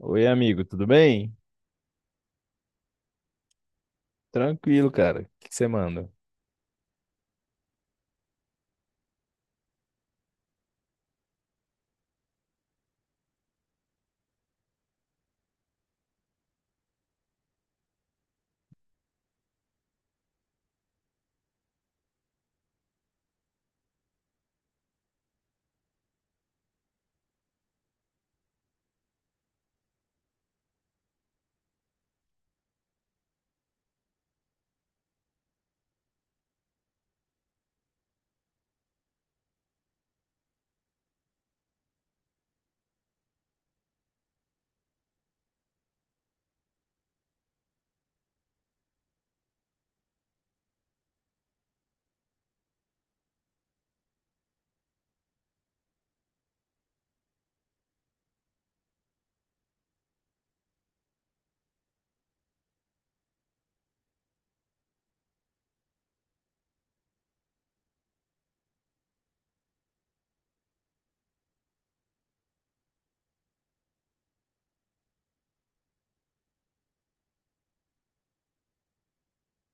Oi, amigo, tudo bem? Tranquilo, cara. O que você manda?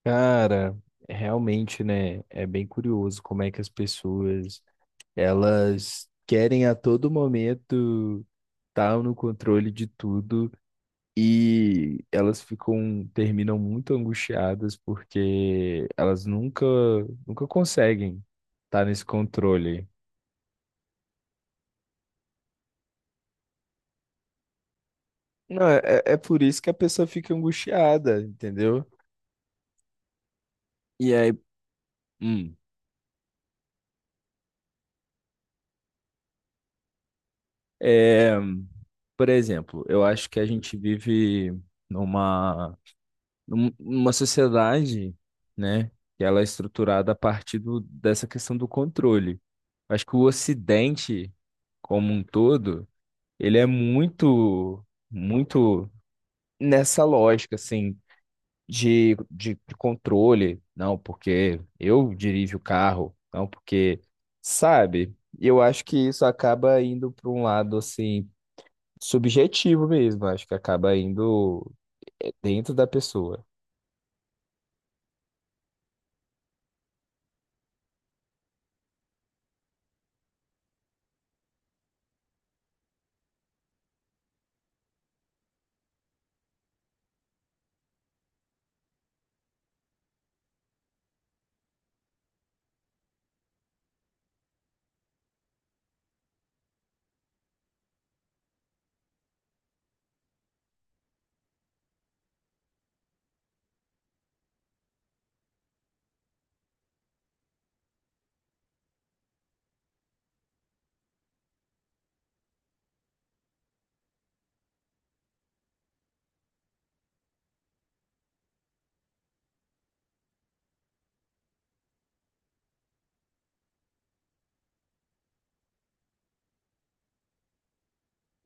Cara, realmente, né? É bem curioso como é que as pessoas elas querem a todo momento estar no controle de tudo e elas ficam, terminam muito angustiadas porque elas nunca conseguem estar nesse controle. Não, é por isso que a pessoa fica angustiada, entendeu? E aí, hum, é. Por exemplo, eu acho que a gente vive numa, numa sociedade, né, que ela é estruturada a partir dessa questão do controle. Acho que o Ocidente, como um todo, ele é muito nessa lógica, assim, de controle. Não, porque eu dirijo o carro. Não, porque, sabe? E eu acho que isso acaba indo para um lado, assim, subjetivo mesmo, acho que acaba indo dentro da pessoa.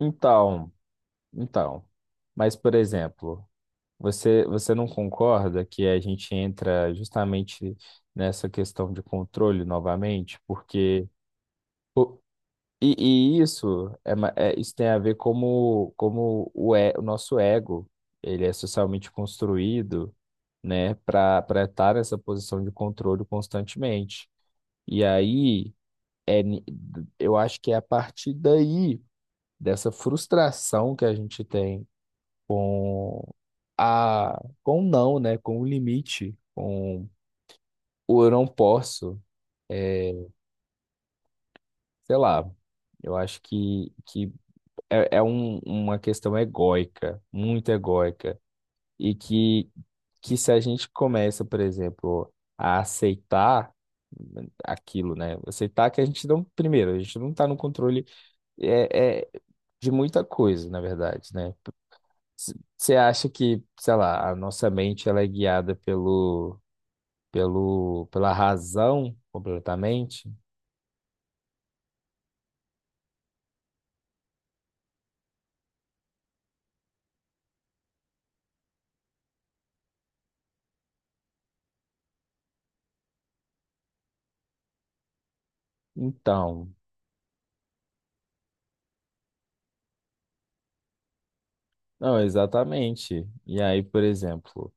Então, então, mas por exemplo, você não concorda que a gente entra justamente nessa questão de controle novamente, porque o- e isso é, isso tem a ver como o nosso ego, ele é socialmente construído, né, para estar nessa posição de controle constantemente. E aí é, eu acho que é a partir daí, dessa frustração que a gente tem com com o não, né? Com o limite, com o eu não posso, é, sei lá, eu acho que é, uma questão egóica, muito egóica, e que se a gente começa, por exemplo, a aceitar aquilo, né? Aceitar que a gente não, primeiro, a gente não está no controle é de muita coisa, na verdade, né? Você acha que, sei lá, a nossa mente ela é guiada pela razão completamente? Então, não, exatamente. E aí, por exemplo,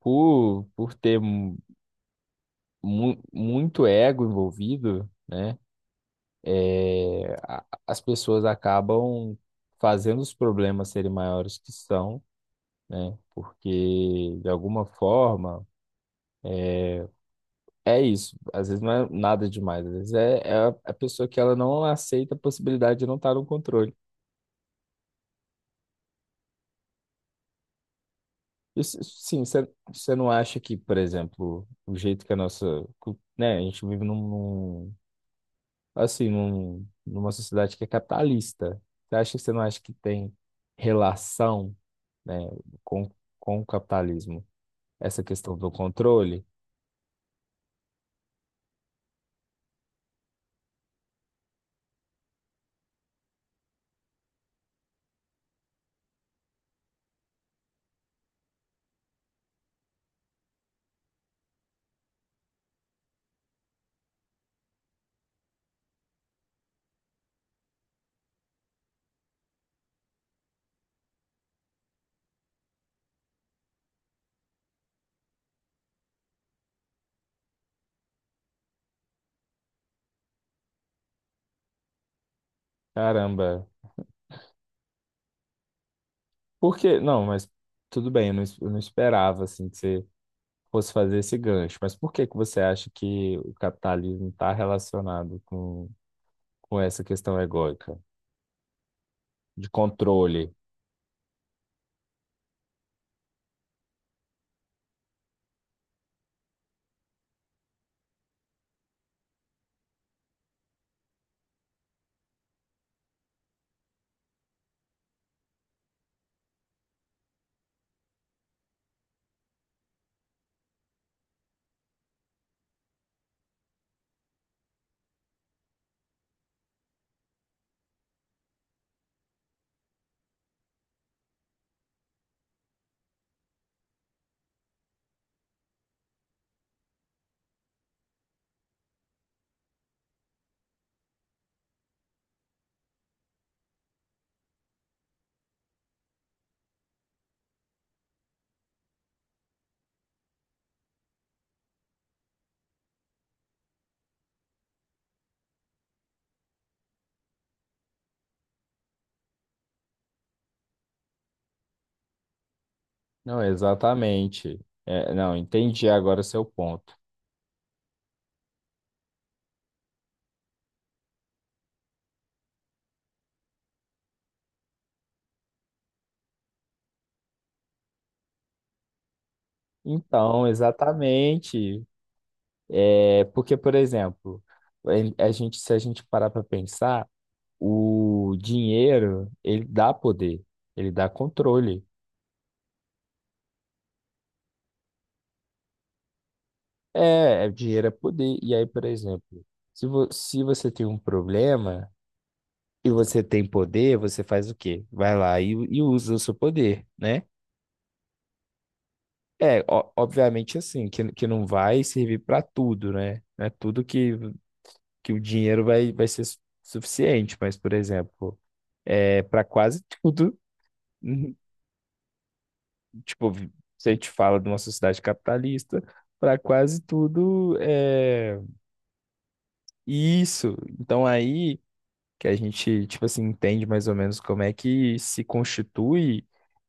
por ter muito ego envolvido, né? As pessoas acabam fazendo os problemas serem maiores que são, né? Porque, de alguma forma, é isso. Às vezes não é nada demais. Às vezes é, é a pessoa que ela não aceita a possibilidade de não estar no controle. E sim, você não acha que, por exemplo, o jeito que a nossa, né, a gente vive assim, numa sociedade que é capitalista. Você não acha que tem relação, né, com, com o capitalismo? Essa questão do controle? Caramba. Por quê? Não, mas tudo bem, eu não, eu não esperava assim que você fosse fazer esse gancho. Mas por que que você acha que o capitalismo está relacionado com essa questão egóica de controle? Não, exatamente. É, não, entendi agora o seu ponto. Então, exatamente. É porque, por exemplo, a gente, se a gente parar para pensar, o dinheiro, ele dá poder, ele dá controle. Dinheiro é poder. E aí, por exemplo, se você tem um problema e você tem poder, você faz o quê? Vai lá e usa o seu poder, né? É, obviamente assim, que não vai servir para tudo, né? Não é tudo que o dinheiro vai ser suficiente, mas, por exemplo, é para quase tudo, uhum, tipo, se a gente fala de uma sociedade capitalista, para quase tudo é isso. Então aí que a gente, tipo assim, entende mais ou menos como é que se constitui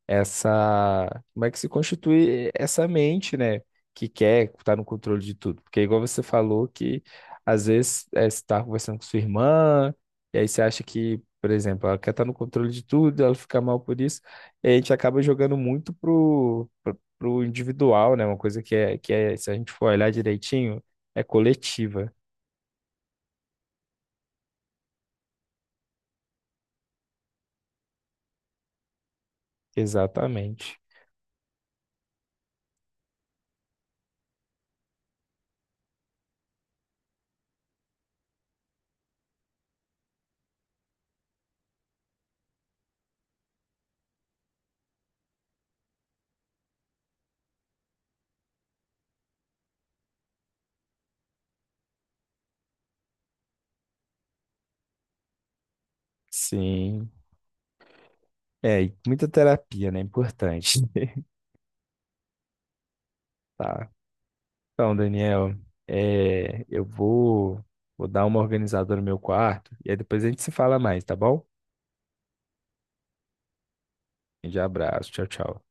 essa, como é que se constitui essa mente, né, que quer estar no controle de tudo. Porque igual você falou que às vezes é, você está conversando com sua irmã, e aí você acha que, por exemplo, ela quer estar no controle de tudo, ela fica mal por isso, e a gente acaba jogando muito pro individual, né, uma coisa que é, se a gente for olhar direitinho, é coletiva. Exatamente. Sim. É, e muita terapia, né? Importante. Tá. Então, Daniel, é, vou dar uma organizada no meu quarto e aí depois a gente se fala mais, tá bom? Um grande abraço, tchau, tchau.